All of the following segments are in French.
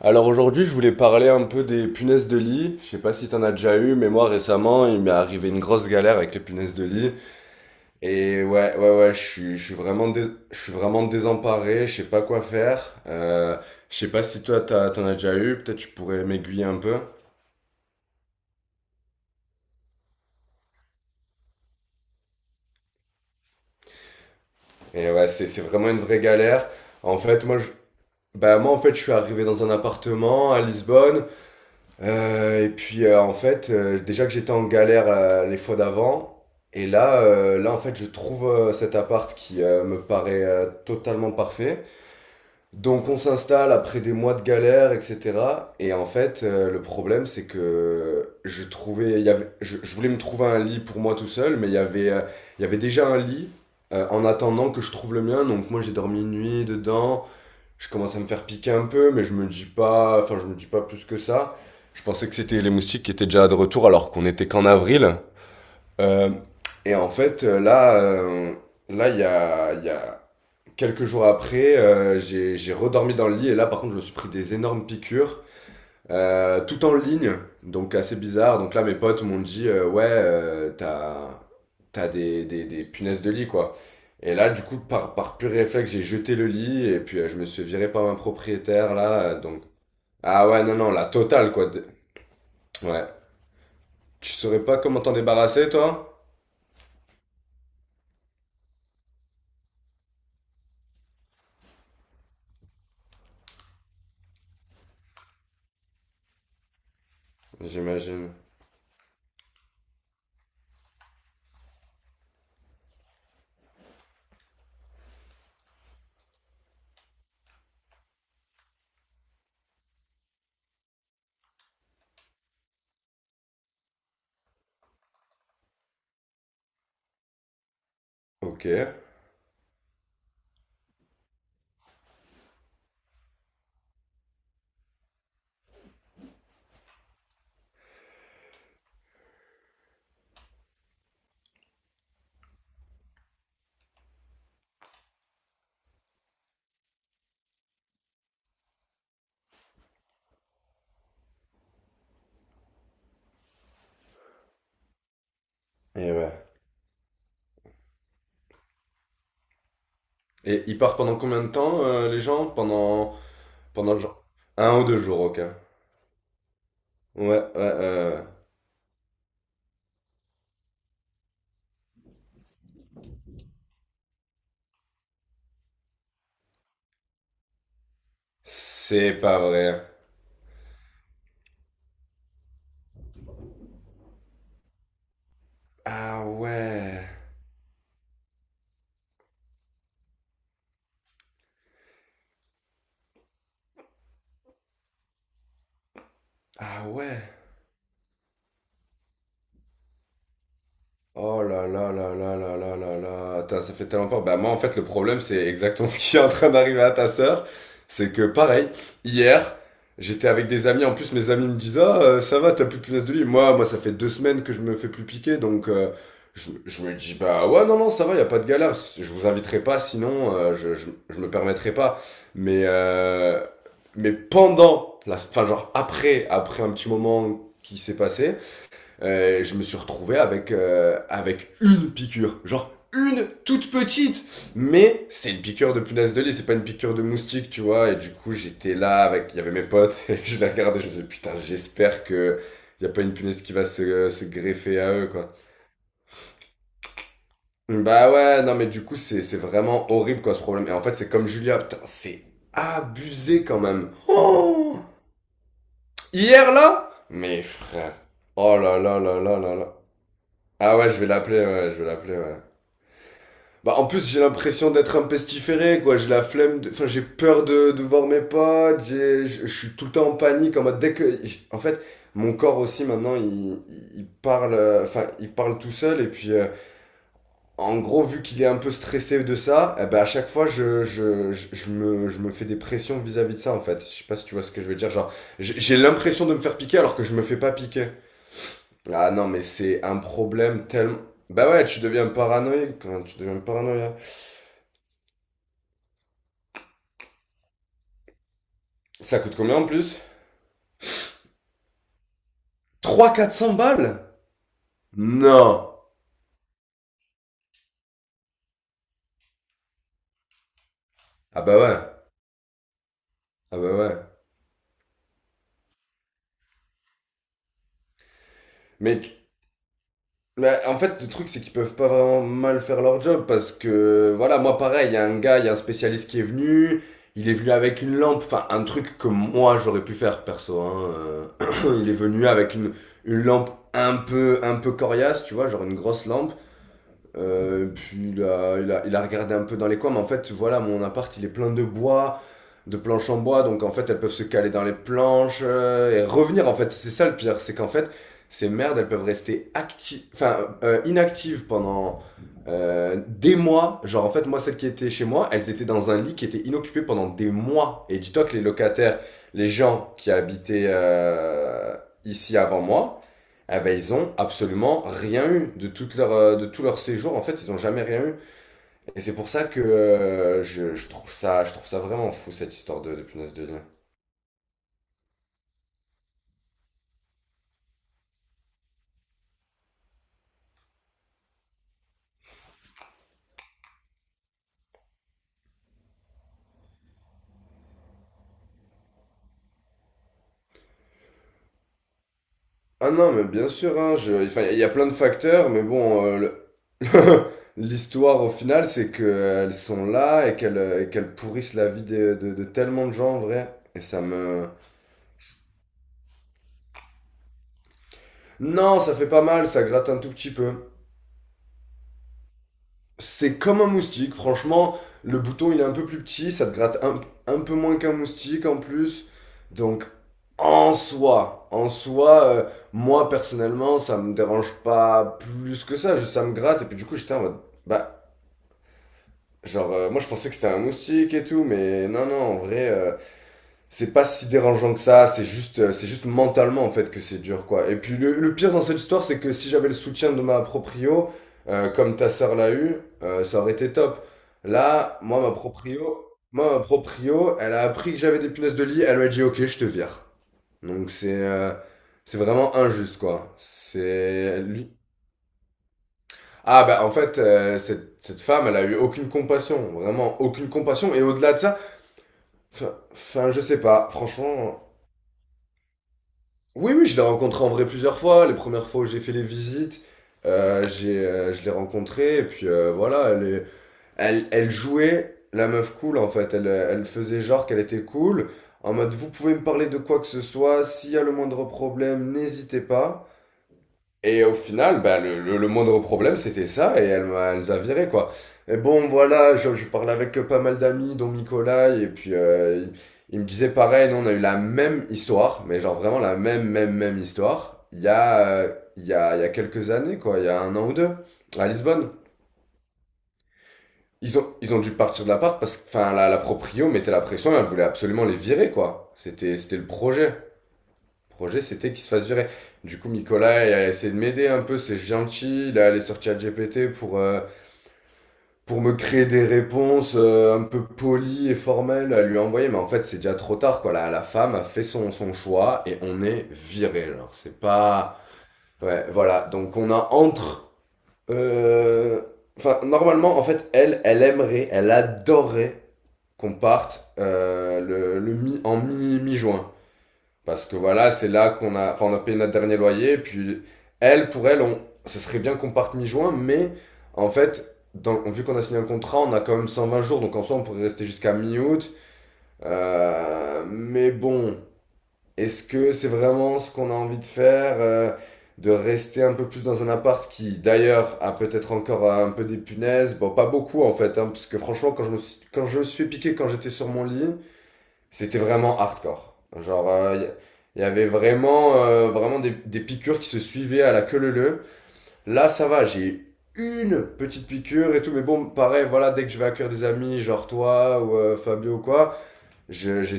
Alors aujourd'hui, je voulais parler un peu des punaises de lit. Je sais pas si t'en as déjà eu, mais moi récemment, il m'est arrivé une grosse galère avec les punaises de lit. Et ouais, ouais, ouais, je suis vraiment, je suis vraiment désemparé. Je sais pas quoi faire. Je sais pas si toi, t'en as déjà eu. Peut-être tu pourrais m'aiguiller un peu. Et ouais, c'est vraiment une vraie galère. En fait, bah moi, en fait, je suis arrivé dans un appartement à Lisbonne. Et puis En fait, déjà que j'étais en galère les fois d'avant, et là, là en fait, je trouve cet appart qui me paraît totalement parfait. Donc on s'installe après des mois de galère, etc. Et en fait, le problème c'est que je trouvais, il y avait, je voulais me trouver un lit pour moi tout seul, mais il y avait, il y avait déjà un lit en attendant que je trouve le mien. Donc moi j'ai dormi une nuit dedans. Je commence à me faire piquer un peu, mais je me dis pas plus que ça. Je pensais que c'était les moustiques qui étaient déjà de retour alors qu'on était qu'en avril. Euh, et en fait, là, là, il y a, Y a quelques jours après, j'ai redormi dans le lit et là, par contre, je me suis pris des énormes piqûres. Tout en ligne, donc assez bizarre. Donc là, mes potes m'ont dit, ouais, t'as des punaises de lit, quoi. Et là, du coup, par pur réflexe, j'ai jeté le lit et puis je me suis viré par un propriétaire, là. Ah ouais, non, non, la totale, quoi. Ouais. Tu saurais pas comment t'en débarrasser, toi? J'imagine. Ok. Et ouais. Et ils partent pendant combien de temps, les gens? Pendant, pendant Genre un ou deux jours, ok. Ouais, ouais, c'est pas vrai. Ah ouais. Ah ouais. Oh là là là là là là là là. Attends, ça fait tellement peur. Bah moi en fait le problème c'est exactement ce qui est en train d'arriver à ta sœur. C'est que pareil, hier, j'étais avec des amis. En plus mes amis me disent: Ah ça va, t'as plus de punaise de lit. Moi ça fait 2 semaines que je me fais plus piquer. Donc je me dis: Bah ouais non non ça va, y a pas de galère. Je vous inviterai pas sinon je me permettrai pas. Mais, euh, mais pendant, la, enfin genre après, après un petit moment qui s'est passé je me suis retrouvé avec, avec une piqûre. Genre une toute petite. Mais c'est une piqûre de punaise de lit, c'est pas une piqûre de moustique, tu vois. Et du coup, j'étais là avec. Il y avait mes potes, et je les regardais, je me disais putain, j'espère que. Y a pas une punaise qui va se greffer à eux, quoi. Bah ouais, non, mais du coup, c'est vraiment horrible, quoi, ce problème. Et en fait, c'est comme Julia, putain, c'est abusé quand même. Oh hier, là. Mes frères. Oh là là là là là là. Ah ouais, je vais l'appeler, ouais, je vais l'appeler, ouais. Bah, en plus, j'ai l'impression d'être un pestiféré, quoi. J'ai la flemme, j'ai peur de voir mes potes, je suis tout le temps en panique, en mode dès que. En fait, mon corps aussi, maintenant, il parle tout seul, et puis, en gros, vu qu'il est un peu stressé de ça, eh ben, à chaque fois, je me fais des pressions vis-à-vis de ça, en fait. Je sais pas si tu vois ce que je veux dire, genre, j'ai l'impression de me faire piquer alors que je me fais pas piquer. Ah non, mais c'est un problème tellement. Bah ouais, tu deviens paranoïaque, hein, tu deviens paranoïaque. Ça coûte combien en plus? Trois cents quatre cents balles? Non. Ah bah ouais. Ah bah ouais. Mais mais en fait, le truc, c'est qu'ils peuvent pas vraiment mal faire leur job parce que, voilà, moi pareil, il y a un gars, il y a un spécialiste qui est venu, il est venu avec une lampe, enfin, un truc que moi j'aurais pu faire perso, hein. Il est venu avec une lampe un peu coriace, tu vois, genre une grosse lampe. Puis il a regardé un peu dans les coins, mais en fait, voilà, mon appart, il est plein de bois, de planches en bois, donc en fait, elles peuvent se caler dans les planches et revenir, en fait. C'est ça le pire, c'est qu'en fait, ces merdes, elles peuvent rester actives, inactives pendant des mois. Genre, en fait, moi, celles qui étaient chez moi, elles étaient dans un lit qui était inoccupé pendant des mois. Et dis-toi que les locataires, les gens qui habitaient ici avant moi, eh ben, ils ont absolument rien eu de, toute leur, de tout leur séjour. En fait, ils ont jamais rien eu. Et c'est pour ça que je trouve ça vraiment fou, cette histoire de punaise de lit. Ah non, mais bien sûr, hein, il y a plein de facteurs, mais bon, le- l'histoire au final, c'est qu'elles sont là et qu'elles pourrissent la vie de tellement de gens en vrai. Et ça me... Non, ça fait pas mal, ça gratte un tout petit peu. C'est comme un moustique, franchement. Le bouton, il est un peu plus petit, ça te gratte un peu moins qu'un moustique en plus. Donc, en soi, moi personnellement, ça me dérange pas plus que ça. Juste, ça me gratte. Et puis, du coup, j'étais en mode, bah, genre, moi je pensais que c'était un moustique et tout, mais non, non, en vrai, c'est pas si dérangeant que ça, c'est juste mentalement en fait que c'est dur quoi. Et puis le pire dans cette histoire, c'est que si j'avais le soutien de ma proprio, comme ta sœur l'a eu, ça aurait été top. Là, moi ma proprio, Moi ma proprio, elle a appris que j'avais des punaises de lit, elle m'a dit ok, je te vire. Donc c'est vraiment injuste quoi. C'est lui. Ah bah en fait, cette femme, elle a eu aucune compassion, vraiment aucune compassion. Et au-delà de ça, je sais pas, franchement. Oui, oui, je l'ai rencontré en vrai plusieurs fois. Les premières fois où j'ai fait les visites, je l'ai rencontrée. Et puis voilà, elle jouait la meuf cool en fait. Elle faisait genre qu'elle était cool. En mode, vous pouvez me parler de quoi que ce soit. S'il y a le moindre problème, n'hésitez pas. Et au final, bah, le moindre problème, c'était ça, elle nous a viré, quoi. Et bon, voilà, je parlais avec pas mal d'amis, dont Nicolas, et puis il me disait pareil, nous, on a eu la même histoire, mais genre vraiment la même, même, même histoire, il y a quelques années, quoi, il y a un an ou deux, à Lisbonne. Ils ont dû partir de l'appart parce que, enfin, la proprio mettait la pression, elle voulait absolument les virer, quoi. C'était le projet. Projet, c'était qu'il se fasse virer. Du coup, Nicolas il a essayé de m'aider un peu, c'est gentil. Il est allé sur ChatGPT pour me créer des réponses un peu polies et formelles à lui envoyer. Mais en fait, c'est déjà trop tard, quoi. La femme a fait son choix et on est viré. Alors, c'est pas. Ouais, voilà. Donc, on a entre. euh, normalement, en fait, elle aimerait, elle adorerait qu'on parte le mi, en mi, mi-juin. Parce que voilà, c'est là qu'on a, enfin, on a payé notre dernier loyer. Et puis, pour elle, on, ce serait bien qu'on parte mi-juin, mais vu qu'on a signé un contrat, on a quand même 120 jours, donc en soi, on pourrait rester jusqu'à mi-août. Mais bon, est-ce que c'est vraiment ce qu'on a envie de faire de rester un peu plus dans un appart qui, d'ailleurs, a peut-être encore un peu des punaises. Bon, pas beaucoup en fait, hein, parce que franchement, quand je me suis fait piquer quand j'étais sur mon lit, c'était vraiment hardcore. Il y avait vraiment, vraiment des piqûres qui se suivaient à la queue leu. Là, ça va, j'ai une petite piqûre et tout, mais bon, pareil, voilà, dès que je vais accueillir des amis, genre toi ou Fabio ou quoi, je, j'ai,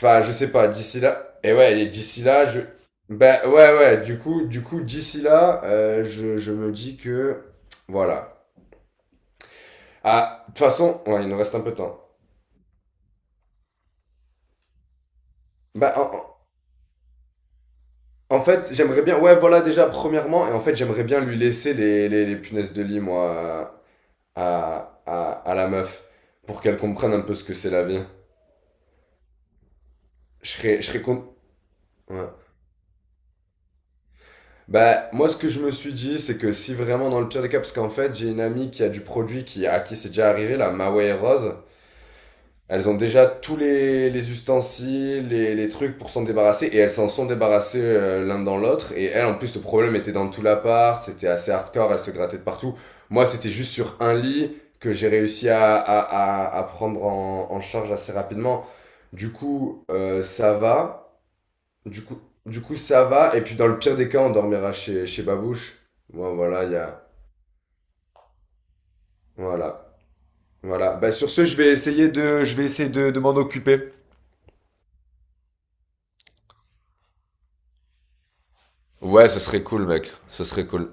je sais pas, d'ici là, et ouais, ben ouais, ouais, du coup, d'ici là, je me dis que, voilà. Ah, de toute façon, ouais, il nous reste un peu de temps. Bah, en- En fait, j'aimerais bien. Ouais, voilà, déjà, premièrement. Et en fait, j'aimerais bien lui laisser les punaises de lit, moi, à la meuf. Pour qu'elle comprenne un peu ce que c'est la vie. Je serais con. Ouais. Bah, moi, ce que je me suis dit, c'est que si vraiment, dans le pire des cas, parce qu'en fait, j'ai une amie qui a du produit qui, à qui c'est déjà arrivé, la Maway Rose. Elles ont déjà tous les ustensiles, les trucs pour s'en débarrasser, et elles s'en sont débarrassées l'un dans l'autre. Et elle, en plus, le problème était dans tout l'appart, c'était assez hardcore, elle se grattait de partout. Moi, c'était juste sur un lit que j'ai réussi à prendre en charge assez rapidement. Du coup, ça va. Du coup, Ça va. Et puis, dans le pire des cas, on dormira chez, chez Babouche. Bon, voilà, il y a... Voilà. Voilà. Bah, sur ce, je vais essayer de m'en occuper. Ouais, ce serait cool, mec. Ce serait cool.